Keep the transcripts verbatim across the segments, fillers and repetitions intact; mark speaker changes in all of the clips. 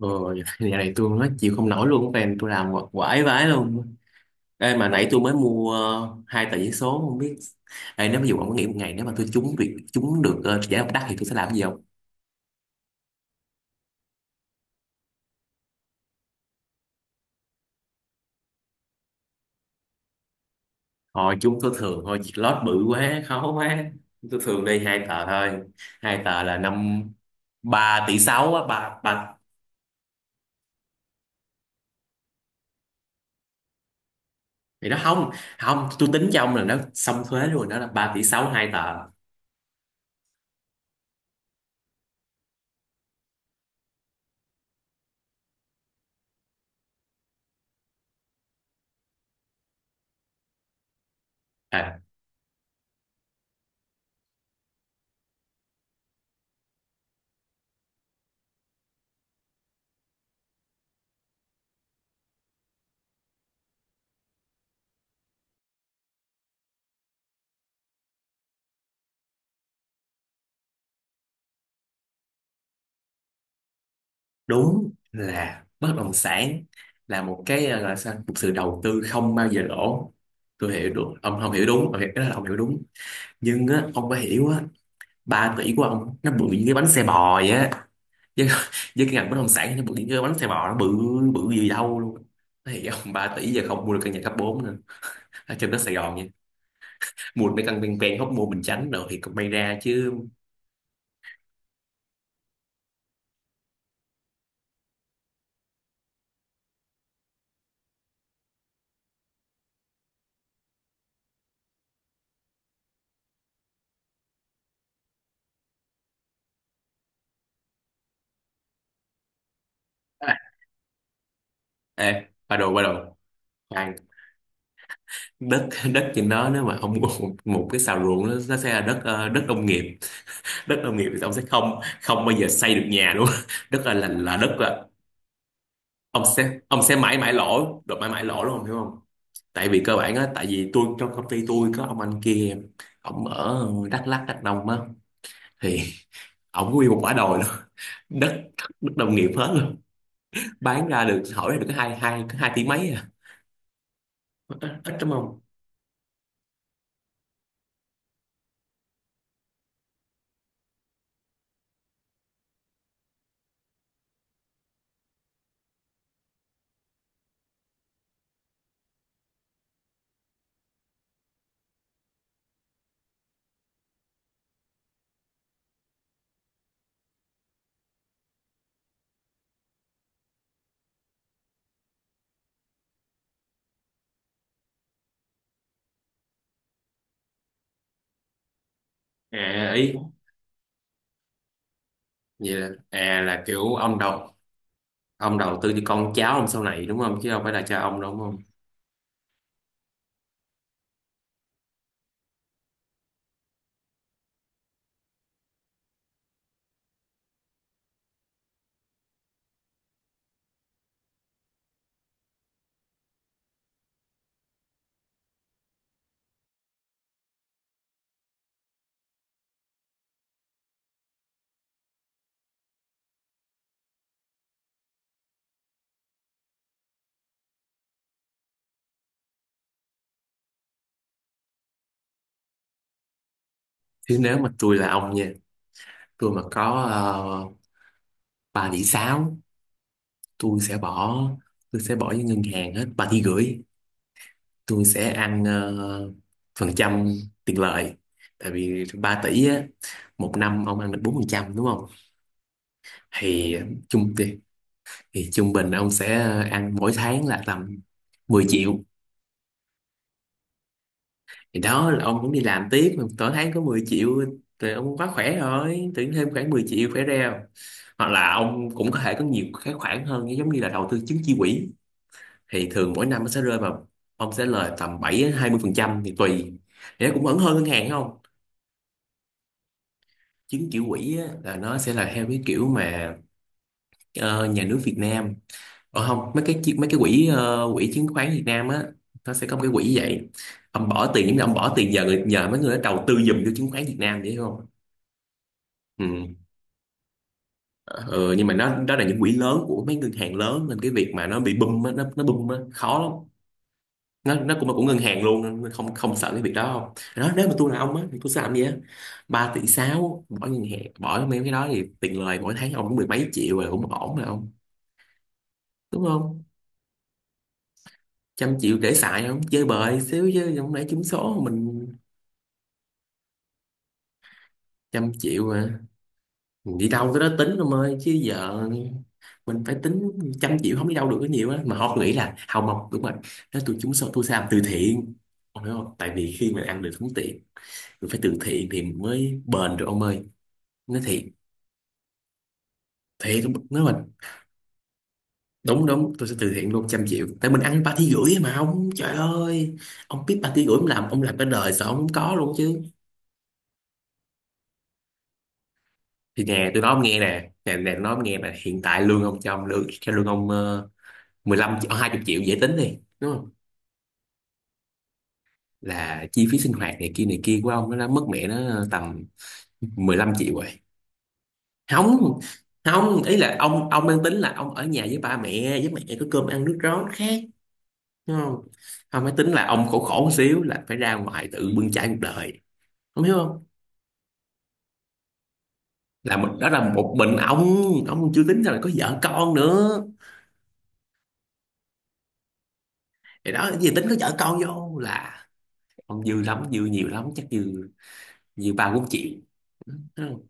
Speaker 1: Ờ. Nhà này tôi nói chịu không nổi luôn, fan tôi làm quải vãi luôn. Ê, mà nãy tôi mới mua ờ, hai tờ giấy số không biết. Ê, nếu ví dụ ông có nghĩ một ngày nếu mà tôi trúng việc trúng được ờ, giải độc đắc thì tôi sẽ làm cái gì không? Thôi trúng tôi thường thôi, việc lót bự quá khó quá. Tôi thường đi hai tờ thôi. Hai tờ là năm. Ba tỷ sáu á, ba ba. Thì nó không, không tôi tính cho ông là nó xong thuế luôn, đó là ba tỷ sáu hai tờ. Đúng là bất động sản là một cái ờ, gọi là sao, một sự đầu tư không bao giờ lỗ. Tôi hiểu được ông không hiểu đúng, ông hiểu, cái đó là ông hiểu đúng. Nhưng á, ông phải hiểu á, ba tỷ của ông nó bự như cái bánh xe bò vậy á. Với, với cái ngành bất động sản nó bự như cái bánh xe bò, nó bự, bự gì đâu luôn. Thì ông ba tỷ giờ không mua được căn nhà cấp bốn nữa ở trên đất Sài Gòn nha. Mua được mấy căn ven ven Hóc Môn Bình Chánh rồi thì cũng may ra chứ. À, ê, ba đồ ba đồ, khoan. Đất đất trên đó nếu mà ông một, một cái xào ruộng nó, nó sẽ là đất ờ, đất nông nghiệp. Đất nông nghiệp thì ông sẽ không không bao giờ xây được nhà luôn. Đất là là, là đất là ông sẽ ông sẽ mãi mãi lỗ được, mãi mãi lỗ luôn, ông hiểu không? Tại vì cơ bản á, tại vì tôi trong công ty tôi có ông anh kia, ông ở Đắk Lắk Đắk Nông á. Thì ông nguyên một quả đồi luôn. đất đất nông nghiệp hết luôn. Bán ra được, hỏi ra được cái hai hai cái hai tỷ mấy à, ít, ít đúng không? À ý vậy là, à là kiểu ông đầu ông đầu tư cho con cháu ông sau này đúng không, chứ không phải là cho ông đâu đúng không? Chứ nếu mà tôi là ông nha, tôi mà có uh, ba tỷ sáu, tôi sẽ bỏ tôi sẽ bỏ với ngân hàng hết ba tỷ rưỡi. Tôi sẽ ăn ờ, phần trăm tiền lợi. Tại vì ba tỷ á, một năm ông ăn được bốn phần trăm đúng không? thì trung thì, thì trung bình ông sẽ ăn mỗi tháng là tầm mười triệu. Thì đó là ông cũng đi làm tiếp mà mỗi tháng có mười triệu rồi, ông quá khỏe rồi, tự nhiên thêm khoảng mười triệu khỏe reo. Hoặc là ông cũng có thể có nhiều cái khoản hơn, giống như là đầu tư chứng chỉ quỹ. Thì thường mỗi năm nó sẽ rơi vào, ông sẽ lời tầm bảy đến hai mươi phần trăm thì tùy. Thì nó cũng vẫn hơn ngân hàng không? Chứng chỉ quỹ á, là nó sẽ là theo cái kiểu mà ờ, nhà nước Việt Nam ở không mấy cái chi- mấy cái quỹ ờ, quỹ chứng khoán Việt Nam á. Nó sẽ có một cái quỹ như vậy. Ông bỏ tiền giống như ông bỏ tiền nhờ người, nhờ mấy người đó đầu tư giùm cho chứng khoán Việt Nam vậy hiểu không? Ừ. Ờ, nhưng mà nó đó là những quỹ lớn của mấy ngân hàng lớn, nên cái việc mà nó bị bung á, nó nó bung á, khó lắm. Nó nó cũng là của ngân hàng luôn, nó không không sợ cái việc đó không. Đó nếu mà tôi là ông á, thì tôi sẽ làm gì á? Ba tỷ sáu bỏ ngân hàng, bỏ mấy cái đó thì tiền lời mỗi tháng ông cũng mười mấy triệu rồi, cũng ổn rồi ông. Đúng không? Trăm triệu để xài không, chơi bời xíu chứ không lẽ trúng số mình. Trăm triệu mà mình đi đâu tới đó tính ông ơi, chứ giờ mình phải tính. Trăm triệu không đi đâu được, có nhiều á mà họ nghĩ là hào mộc đúng rồi. Nếu tôi trúng số tôi sẽ làm từ thiện, ông hiểu không? Tại vì khi mình ăn được sống tiền, mình phải từ thiện thì mình mới bền được ông ơi, nói thiệt. Thiệt. Nếu mà đúng đúng, tôi sẽ từ thiện luôn trăm triệu, tại mình ăn ba tí rưỡi mà ông, trời ơi. Ông biết ba tí rưỡi ông làm, ông làm cả đời sao ông không có luôn chứ. Thì nè tôi nói ông nghe nè, nè nè tôi nói ông nghe nè, hiện tại lương ông cho ông lương cho lương ông ờ, mười lăm triệu hai mươi triệu dễ tính đi đúng không? Là chi phí sinh hoạt này kia này kia của ông nó đã mất mẹ nó tầm mười lăm triệu rồi. Không không, ý là ông ông đang tính là ông ở nhà với ba mẹ, với mẹ có cơm ăn nước rót khác, đúng không? Không phải tính là ông khổ, khổ một xíu là phải ra ngoài tự bươn chải cuộc đời, ông hiểu không? Là một, đó là một mình ông ông chưa tính ra là có vợ con nữa. Thì đó cái gì tính có vợ con vô là ông dư lắm, dư nhiều lắm chắc, dư, dư ba bốn triệu. Đúng không?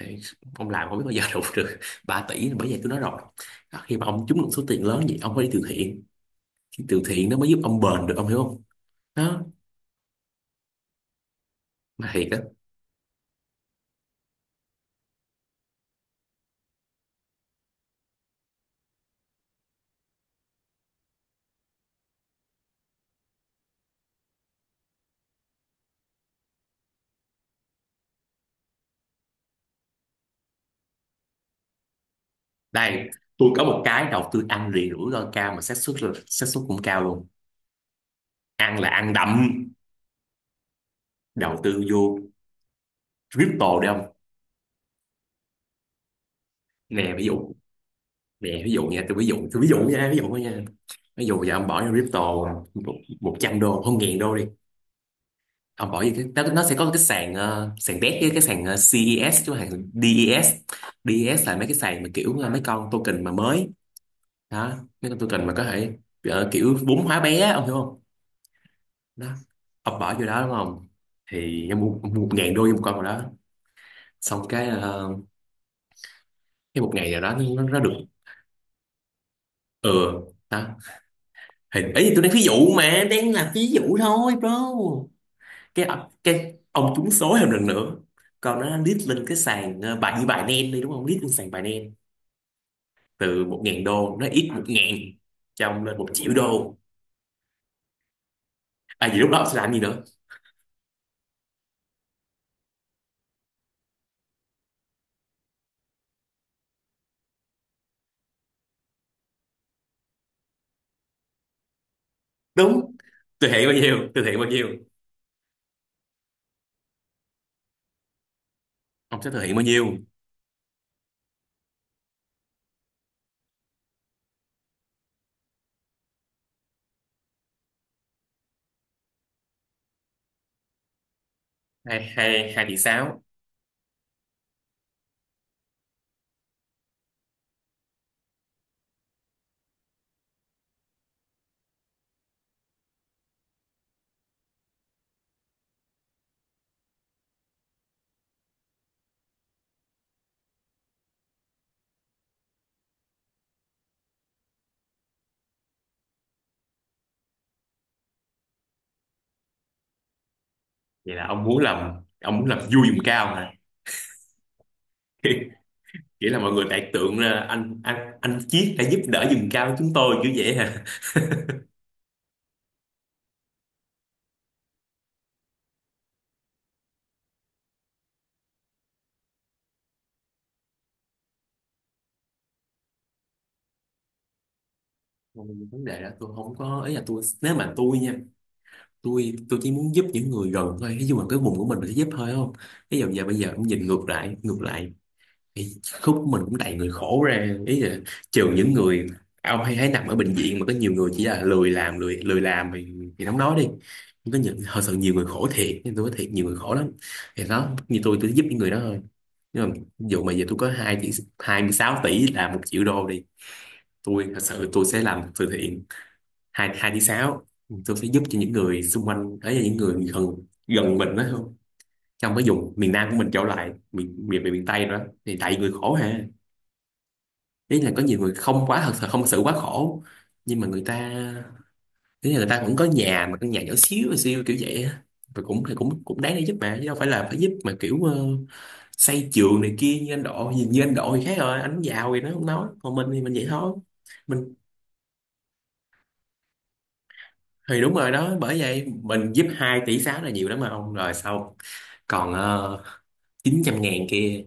Speaker 1: Thì ông làm không biết bao giờ đủ được ba tỷ, bởi vậy tôi nói rồi. Đó, khi mà ông trúng được số tiền lớn vậy ông phải đi từ thiện. Cái từ thiện nó mới giúp ông bền được, ông hiểu không? Đó, mà thiệt đó. Đây, tôi có một cái đầu tư ăn liền rủi ro cao mà xác suất là xác suất cũng cao luôn. Ăn là ăn đậm. Đầu tư vô crypto đi ông. Nè ví dụ, nè ví dụ nha, tôi ví dụ, tôi ví dụ nha, ví dụ thôi nha. Ví dụ giờ ông bỏ vô crypto một, trăm đô không ngàn đô đi. Ông bỏ vô cái nó, nó sẽ có cái sàn ờ, sàn đét với cái sàn ờ, xê e ét chứ hàng đê e ét. đê e ét là mấy cái sàn mà kiểu là mấy con token mà mới. Đó, mấy con token mà có thể ờ, kiểu vốn hóa bé á, ông hiểu không? Đó, ông bỏ vô đó đúng không? Thì ông mua, mua một ngàn đô vô một con vào đó. Xong cái ờ, cái một ngày nào đó nó, nó nó được. Ừ. Đó, hình ấy tôi đang ví dụ, mà đang là ví dụ thôi bro. cái cái ông trúng số thêm lần nữa. Còn nó lít lên cái sàn ờ, bài như bài nen đi đúng không, lít lên sàn bài nen. Từ một ngàn đô nó ít một ngàn, trong lên một triệu đô. À vậy lúc đó ông sẽ làm gì nữa? Đúng, từ thiện bao nhiêu, từ thiện bao nhiêu? Ông sẽ từ thiện bao nhiêu? Hai hai hai tỷ sáu. Vậy là ông muốn làm ông muốn làm vui vùng cao mà. Nghĩa là mọi người đại tượng ra anh anh anh Chiết đã giúp đỡ vùng cao chúng tôi kiểu vậy. Còn vấn đề đó tôi không có ý là tôi, nếu mà tôi nha, tôi tôi chỉ muốn giúp những người gần thôi. Ví dụ mà cái vùng của mình mình sẽ giúp thôi không. Ví dụ giờ bây giờ cũng nhìn ngược lại ngược lại thì khúc của mình cũng đầy người khổ ra. Ý là trừ những người ông hay thấy nằm ở bệnh viện mà có nhiều người chỉ là lười làm, lười lười làm thì, thì không nói đi. Nhưng có những thật sự nhiều người khổ thiệt, nên tôi nói thiệt nhiều người khổ lắm. Thì đó, như tôi tôi giúp những người đó thôi. Nhưng mà ví dụ mà giờ tôi có hai tỷ, hai mươi sáu tỷ là một triệu đô đi, tôi thật sự tôi sẽ làm từ thiện hai hai tiếng sáu, tôi sẽ giúp cho những người xung quanh ấy, là những người gần, gần mình đó không. Trong cái vùng miền Nam của mình trở lại miền miền miền, Tây nữa, thì tại vì người khổ ha. Ý là có nhiều người không quá thật sự, không thật sự quá khổ, nhưng mà người ta, ý là người ta cũng có nhà mà căn nhà nhỏ xíu xíu kiểu vậy á. Rồi cũng thì cũng cũng đáng để giúp mà, chứ đâu phải là phải giúp mà kiểu ờ, xây trường này kia như anh Độ. Nhìn như anh Độ thì khác rồi, anh giàu thì nó không nói, còn mình thì mình vậy thôi. Mình thì đúng rồi đó, bởi vậy mình giúp hai tỷ sáu là nhiều lắm mà ông rồi sau. Còn uh, chín trăm ngàn kia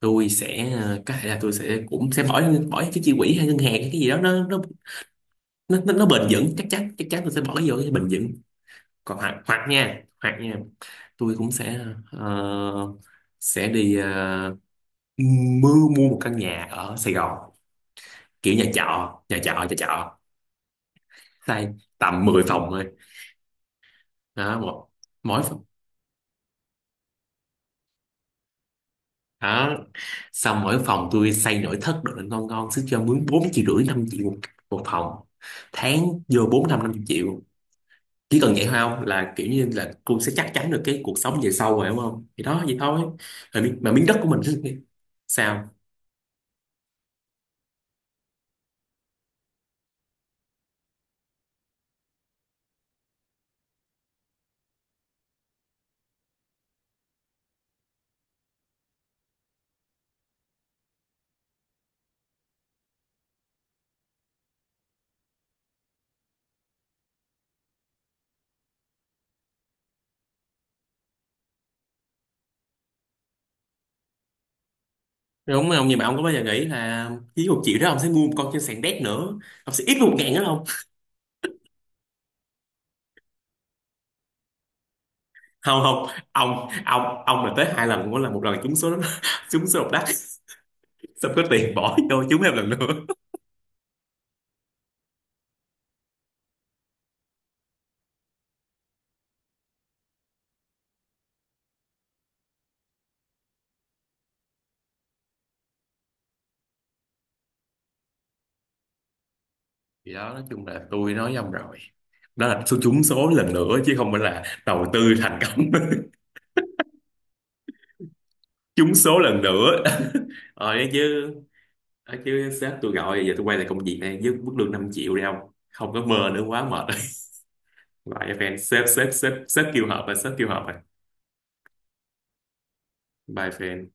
Speaker 1: tôi sẽ ờ, có thể là tôi sẽ cũng sẽ bỏ bỏ cái chi quỹ hay ngân hàng hay cái gì đó nó nó nó, nó nó bền vững chắc chắn, chắc chắn tôi sẽ bỏ cái vô cái bền vững. Còn hoặc hoặc nha, hoặc nha tôi cũng sẽ ờ, sẽ đi ờ, mua, mua một căn nhà ở Sài Gòn, kiểu nhà trọ nhà trọ nhà trọ. Xây tầm mười phòng thôi. Đó một, mỗi, đó xong mỗi phòng tôi xây nội thất đồ lên ngon ngon sức, cho mướn bốn triệu rưỡi năm triệu một, một phòng tháng vô bốn năm, năm triệu. Chỉ cần vậy thôi không, là kiểu như là cô sẽ chắc chắn được cái cuộc sống về sau rồi đúng không, thì đó vậy thôi. Rồi, mi- mà miếng đất của mình. Sao đúng không, nhưng mà ông có bao giờ nghĩ là với một triệu đó ông sẽ mua một con trên sàn đét nữa, ông sẽ ít một ngàn nữa không? Không không, ông ông ông mà tới hai lần, mỗi lần một lần trúng số. Đó, trúng số độc đắc, xong có tiền bỏ vô trúng thêm lần nữa. Thì đó nói chung là tôi nói với ông rồi, đó là số trúng số lần nữa chứ không phải là đầu tư thành công. Trúng số lần nữa. Ờ đấy chứ, đấy chứ sếp tôi gọi giờ tôi quay lại công việc này với mức lương năm triệu đi không. Không có mơ nữa, quá mệt. Rồi bye fan, sếp sếp sếp sếp kêu họp rồi, sếp kêu họp rồi. Bye fan.